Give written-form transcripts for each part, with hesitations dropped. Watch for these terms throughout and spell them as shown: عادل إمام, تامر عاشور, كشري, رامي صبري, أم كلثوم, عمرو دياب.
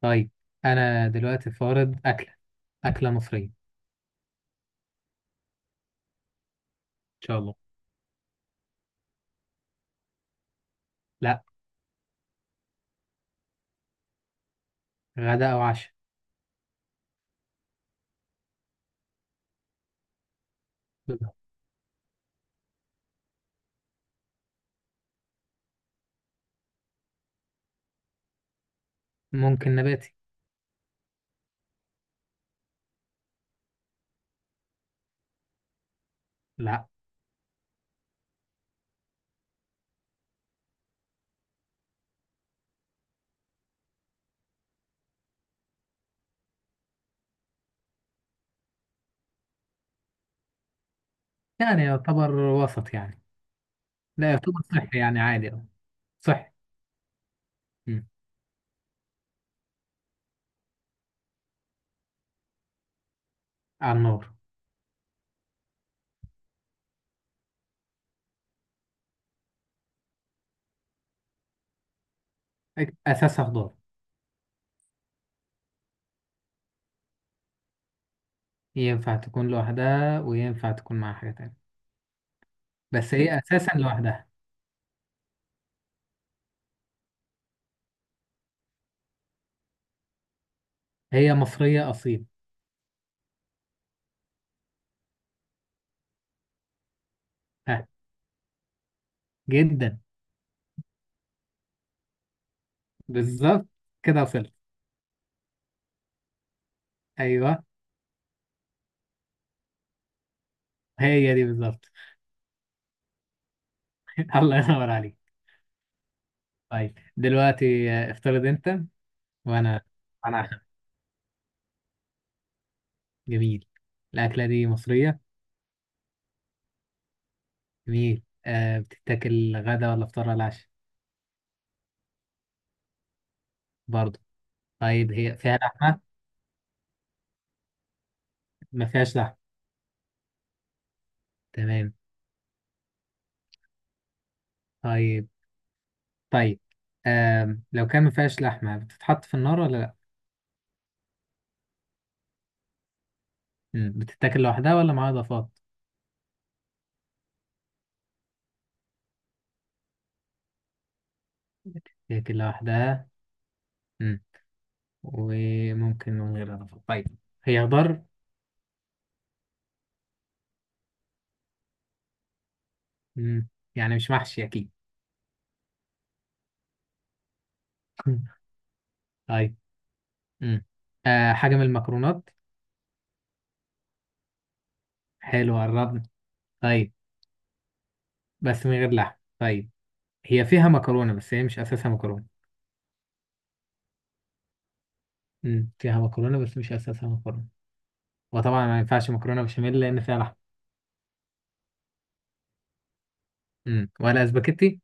طيب انا دلوقتي فارض اكله مصريه ان شاء الله. لا. غدا او عشاء. ممكن نباتي. لا يعني يعتبر وسط يعني. لا يعتبر صحي يعني عادي أوي. صحي. مم. على النار. اساسها خضار. ينفع تكون لوحدها وينفع تكون مع حاجه تانية. بس هي اساسا لوحدها. هي مصريه اصيل. ها. جدا. بالظبط. كده وصلت. ايوه. هي دي بالظبط. الله ينور عليك. طيب دلوقتي، افترض انت. وانا انا جميل. الاكله دي مصريه. جميل. بتتاكل غدا ولا فطار ولا عشاء؟ برضه. طيب هي فيها لحمه؟ ما فيهاش لحمه. تمام. طيب. طيب. لو كان ما فيهاش لحمه بتتحط في النار ولا لا؟ مم. بتتاكل لوحدها ولا معاها اضافات؟ بتتاكل لوحدها. مم. وممكن من غير اضافات. طيب. هي خضار. مم. يعني مش محشي اكيد. طيب. مم. حاجه من المكرونات. حلو، قربنا. طيب بس من غير لحم. طيب هي فيها مكرونة بس هي مش أساسها مكرونة. فيها مكرونة بس مش أساسها مكرونة. وطبعا ما ينفعش مكرونة بشاميل لأن فيها لحم. ولا سباكيتي؟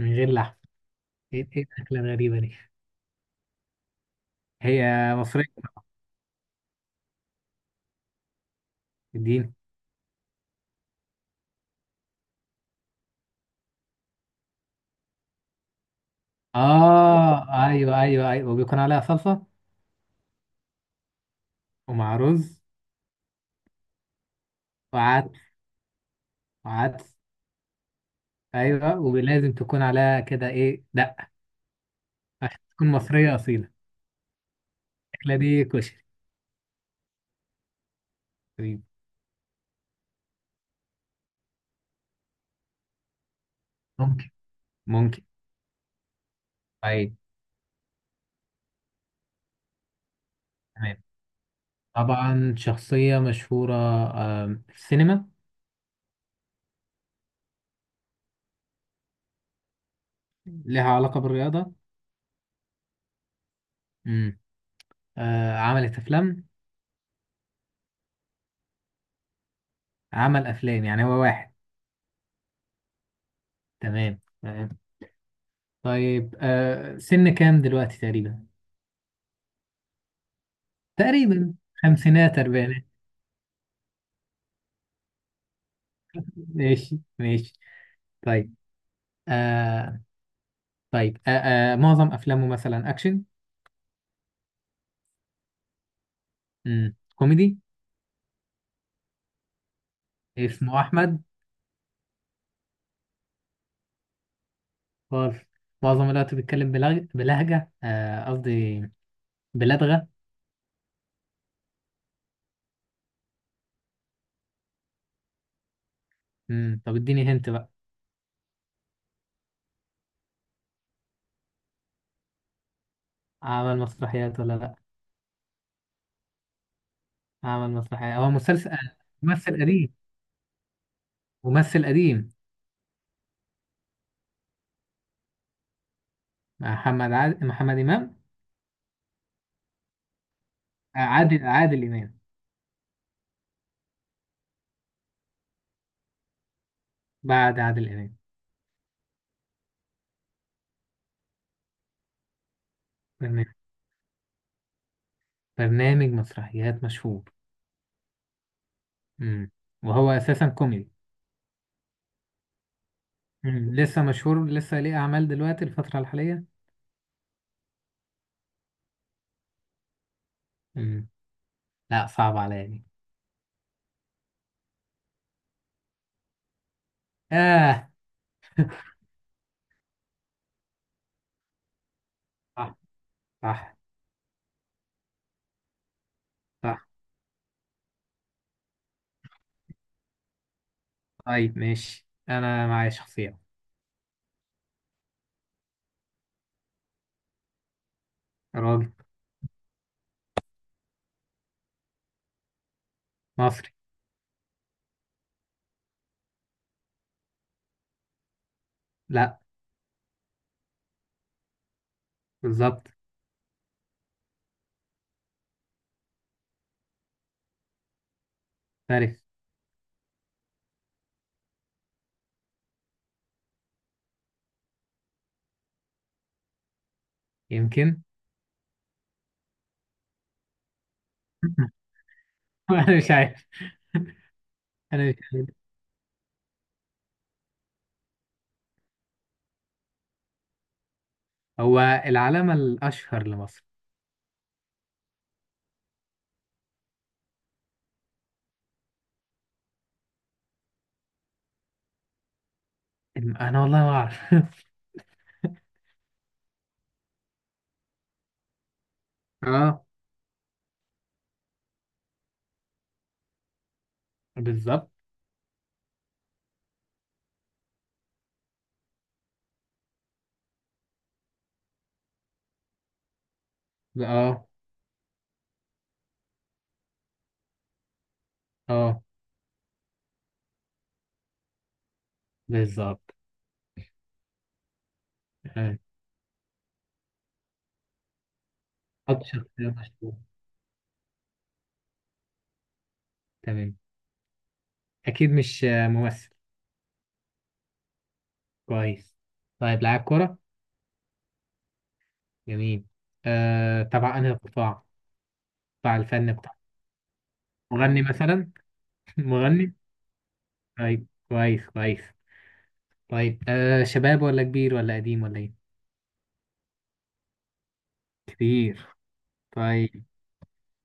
من غير لحم. إيه الأكلة الغريبة دي؟ هي مصرية الدين. آه، أيوه أيوه أيوه وبيكون عليها صلصة. ومع رز. وعدس وعدس. أيوه ولازم تكون عليها كده إيه دقة. عشان تكون مصرية أصيلة. الأكلة دي كشري. طيب، ممكن. ممكن. طيب. تمام. طبعا شخصية مشهورة. في السينما. ليها علاقة بالرياضة. امم عملت أفلام. عمل أفلام يعني هو واحد. تمام تمام. طيب، سن كام دلوقتي تقريبا؟ تقريبا خمسينات أربعينات. ماشي ماشي. طيب. آه طيب. معظم أفلامه مثلا أكشن؟ مم. كوميدي. اسمه أحمد. خالص. معظم الوقت بيتكلم بلغ... بلهجة، قصدي بلدغة. مم. طب اديني هنت بقى. عمل مسرحيات ولا لأ؟ عمل مسرحيات هو مسلسل، ممثل قديم. ممثل قديم محمد إمام. عادل إمام. بعد عادل إمام. برنامج برنامج مسرحيات مشهور. مم. وهو أساسا كوميدي. مم. لسه مشهور، لسه ليه أعمال دلوقتي الفترة الحالية؟ مم. لا صعب عليا دي. آه صح صح صح. طيب ماشي، أنا معايا شخصية. راجل. مصري. لا. بالظبط. فارس. يمكن. أنا مش عارف. أنا مش عارف. هو العلامة الأشهر لمصر. أنا والله ما أعرف. اه. بالظبط. اه اه. بالظبط. آه. حط شخصية مشهورة. تمام. أكيد مش ممثل. كويس. طيب لاعب كرة. جميل. تبع أنهي قطاع؟ قطاع الفن قطاع. مغني مثلا؟ مغني. طيب كويس كويس. طيب، شباب ولا كبير ولا قديم ولا إيه؟ كبير. طيب.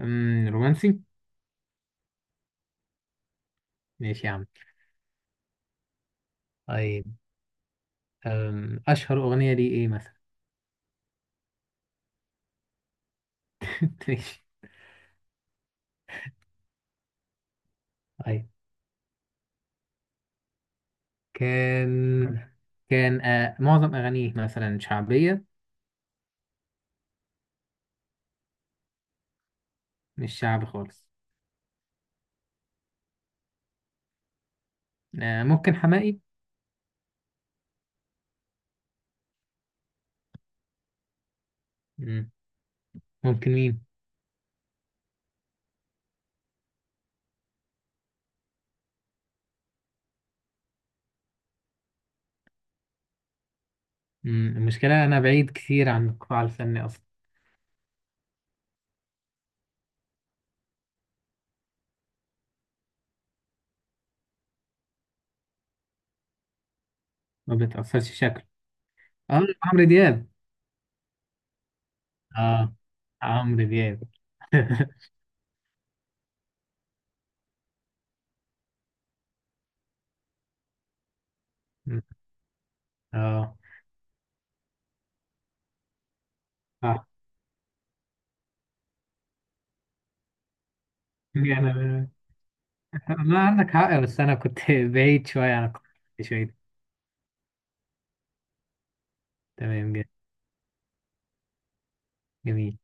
رومانسي. ماشي يا عم. طيب. أشهر أغنية ليه إيه مثلا؟ ماشي. طيب. كان كان معظم أغانيه مثلا شعبية. مش شعبي خالص. ممكن حماقي. مم. ممكن مين؟ مم. المشكلة أنا بعيد كتير عن القطاع الفني أصلا. ما بتأثرش شكله. آه عمرو دياب. آه عمرو دياب. مم. آه. آه يعني أنا، ما عندك حق، بس أنا كنت بعيد شوية عن القطاع الفني شوية. تمام. جميل.